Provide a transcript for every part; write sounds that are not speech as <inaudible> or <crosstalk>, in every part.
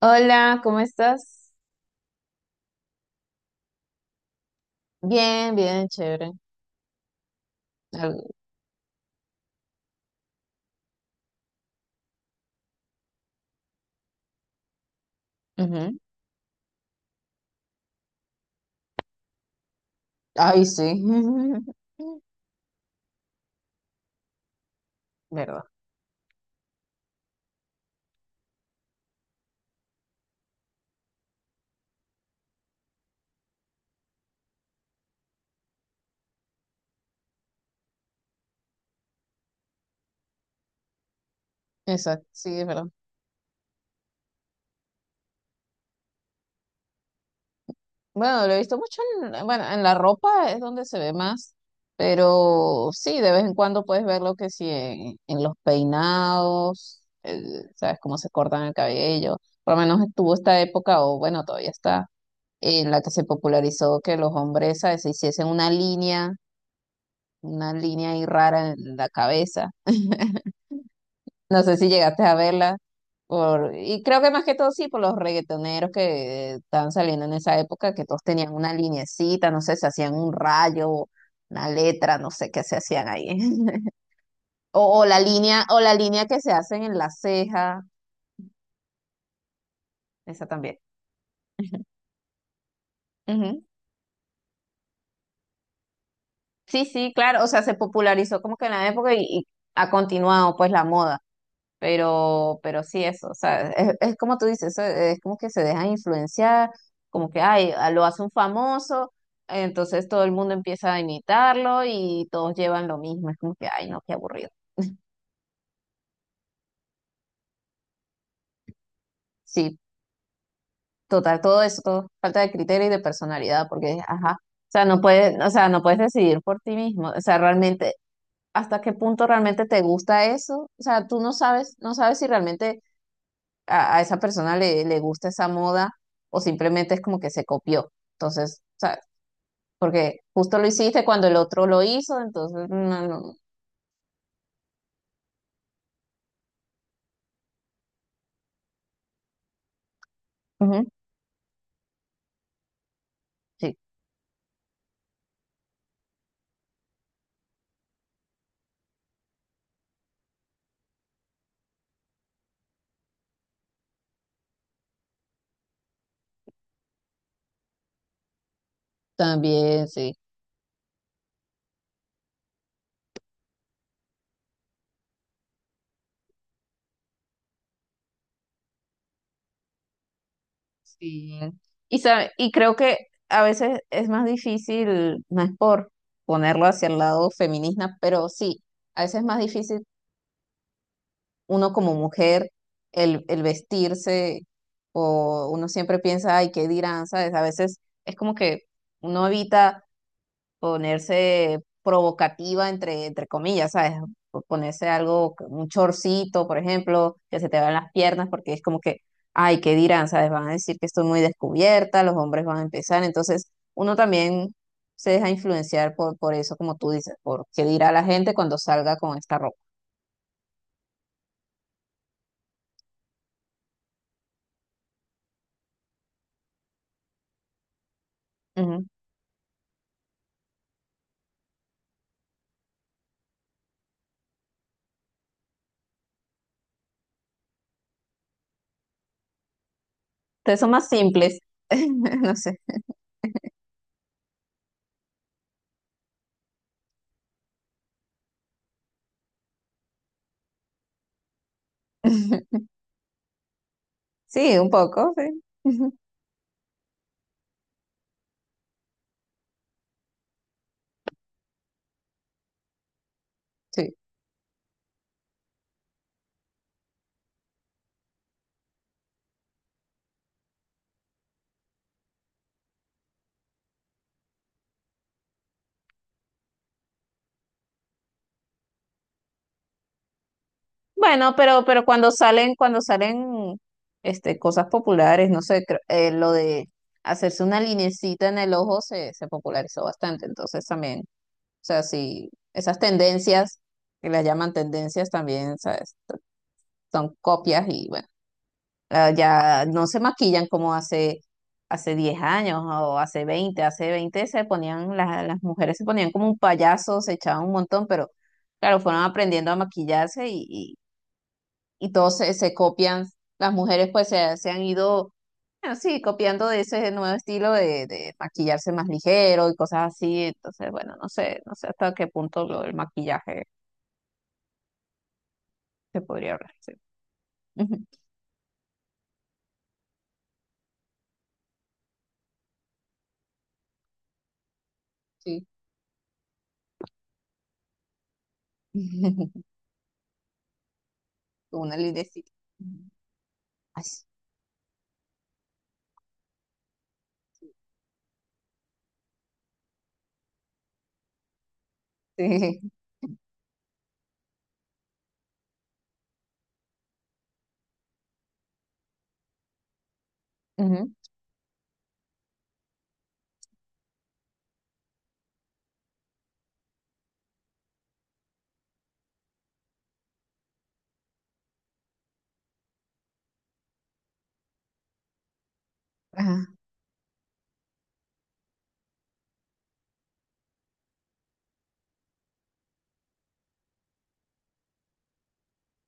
Hola, ¿cómo estás? Bien, bien, chévere. Al- ujú. Ay, sí. <laughs> ¿Verdad? Exacto, sí, es verdad. Bueno, lo he visto mucho en, bueno, en la ropa es donde se ve más, pero sí, de vez en cuando puedes verlo que sí en los peinados, sabes cómo se cortan el cabello. Por lo menos estuvo esta época, o bueno, todavía está, en la que se popularizó que los hombres, ¿sabes?, se hiciesen una línea ahí rara en la cabeza. No sé si llegaste a verla. Por, y creo que más que todo sí, por los reggaetoneros que estaban saliendo en esa época, que todos tenían una linecita, no sé, se hacían un rayo, una letra, no sé qué se hacían ahí. <laughs> O, o la línea que se hacen en la ceja, esa también. <laughs> Ujú. Sí, sí, claro, o sea, se popularizó como que en la época y ha continuado pues la moda. Pero sí, eso, o sea, es como tú dices, eso es como que se dejan influenciar, como que, ay, lo hace un famoso, entonces todo el mundo empieza a imitarlo y todos llevan lo mismo, es como que, ay, no, qué aburrido. Sí, total, todo eso, todo, falta de criterio y de personalidad, porque, ajá, o sea, no puedes, o sea, no puedes decidir por ti mismo, o sea, realmente, hasta qué punto realmente te gusta eso, o sea, tú no sabes, no sabes si realmente a esa persona le gusta esa moda o simplemente es como que se copió. Entonces, ¿sabes? Porque justo lo hiciste cuando el otro lo hizo, entonces, no, no. Ujú. Sí, también, sí. Sí. Y, y creo que a veces es más difícil, no es por ponerlo hacia el lado feminista, pero sí, a veces es más difícil uno como mujer el vestirse o uno siempre piensa, ay, ¿qué dirán? ¿Sabes? A veces es como que uno evita ponerse provocativa entre comillas, ¿sabes? O ponerse algo, un chorcito, por ejemplo, que se te vean las piernas, porque es como que, ay, ¿qué dirán? ¿Sabes? Van a decir que estoy muy descubierta, los hombres van a empezar, entonces uno también se deja influenciar por eso, como tú dices, por qué dirá la gente cuando salga con esta ropa. Ujú. Entonces son más simples, <laughs> no sé. <laughs> Sí, un poco, sí. <laughs> Sí. Bueno, pero cuando salen este, cosas populares, no sé, lo de hacerse una linecita en el ojo se, se popularizó bastante. Entonces también, o sea, sí, esas tendencias, que las llaman tendencias también, ¿sabes? Son copias y bueno, ah, ya no se maquillan como hace, hace 10 años o hace 20, hace 20 se ponían, las mujeres se ponían como un payaso, se echaban un montón, pero claro, fueron aprendiendo a maquillarse y todos se, se copian, las mujeres pues se han ido así copiando de ese nuevo estilo de maquillarse más ligero y cosas así, entonces bueno, no sé, no sé hasta qué punto lo del maquillaje se podría hablar, sí. Ujú, sí. <laughs> Con una linecita. Ujú. Ay, sí. Ujú. Ajá,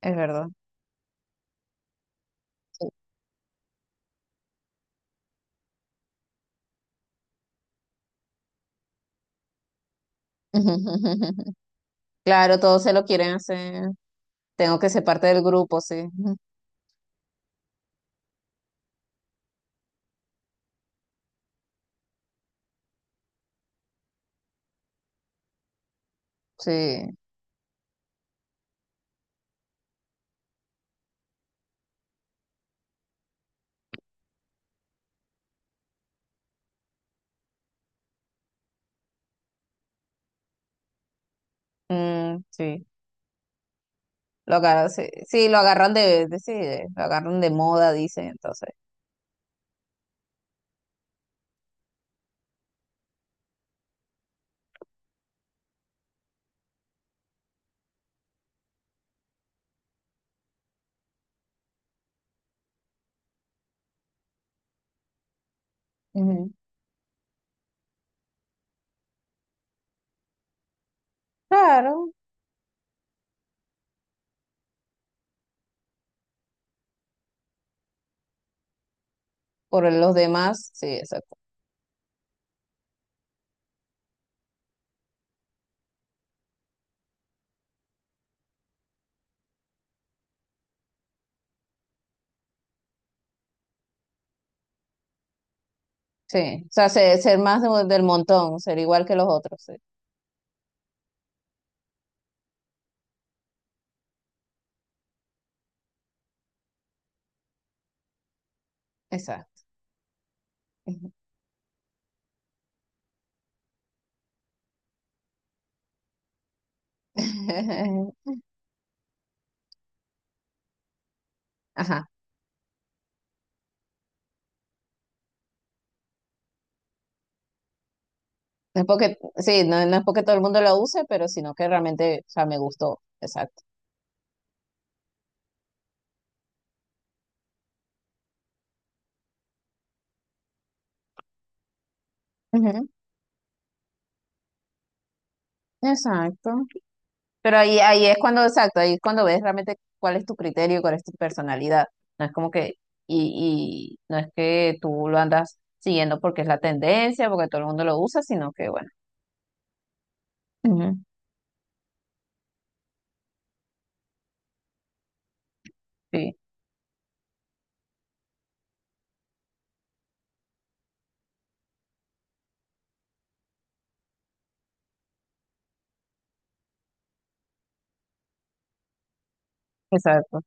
es verdad. Sí. <laughs> Claro, todos se lo quieren hacer. Tengo que ser parte del grupo, sí. Ujú. Sí. Mm, sí. Lo agarraron, sí, sí, lo agarran de, sí, lo agarran de moda, dicen, entonces. Ujú. Claro, por los demás, sí, exacto. Sí, o sea, ser, más del montón, ser igual que los otros, sí. Exacto. Ujú. <laughs> Ajá. No es porque, sí, no, no es porque todo el mundo lo use, pero sino que realmente, o sea, me gustó. Exacto. Ujú. Exacto. Pero ahí, ahí es cuando, exacto, ahí es cuando ves realmente cuál es tu criterio, cuál es tu personalidad. No es como que, y no es que tú lo andas siguiendo porque es la tendencia, porque todo el mundo lo usa, sino que bueno. Ujú. Sí, exacto.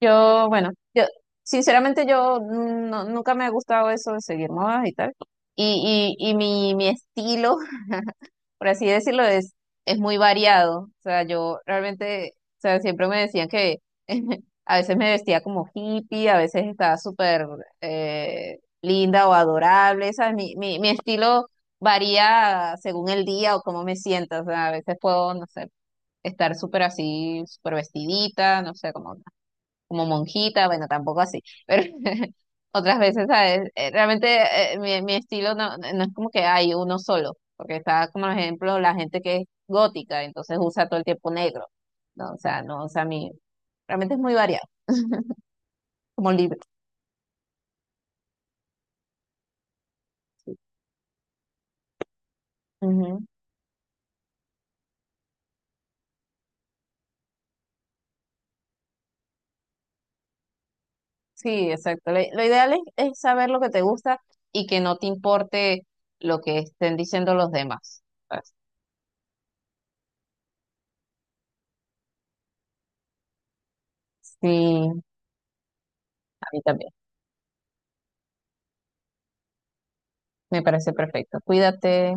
Yo, bueno, yo, sinceramente yo nunca me ha gustado eso de seguir modas y tal. Y mi estilo por así decirlo, es muy variado. O sea, yo realmente, o sea, siempre me decían que <laughs> a veces me vestía como hippie, a veces estaba súper linda o adorable. O sea, mi estilo varía según el día o cómo me siento. O sea, a veces puedo, no sé, estar súper así, súper vestidita, no sé, como como monjita, bueno, tampoco así, pero <laughs> otras veces, ¿sabes? Realmente mi, mi estilo no, no es como que hay uno solo, porque está como por ejemplo la gente que es gótica, entonces usa todo el tiempo negro, ¿no? O sea, no, o sea, mi, realmente es muy variado, como libre. Ujú. Sí, exacto. Lo ideal es saber lo que te gusta y que no te importe lo que estén diciendo los demás. ¿Sabes? Sí, a mí también. Me parece perfecto. Cuídate.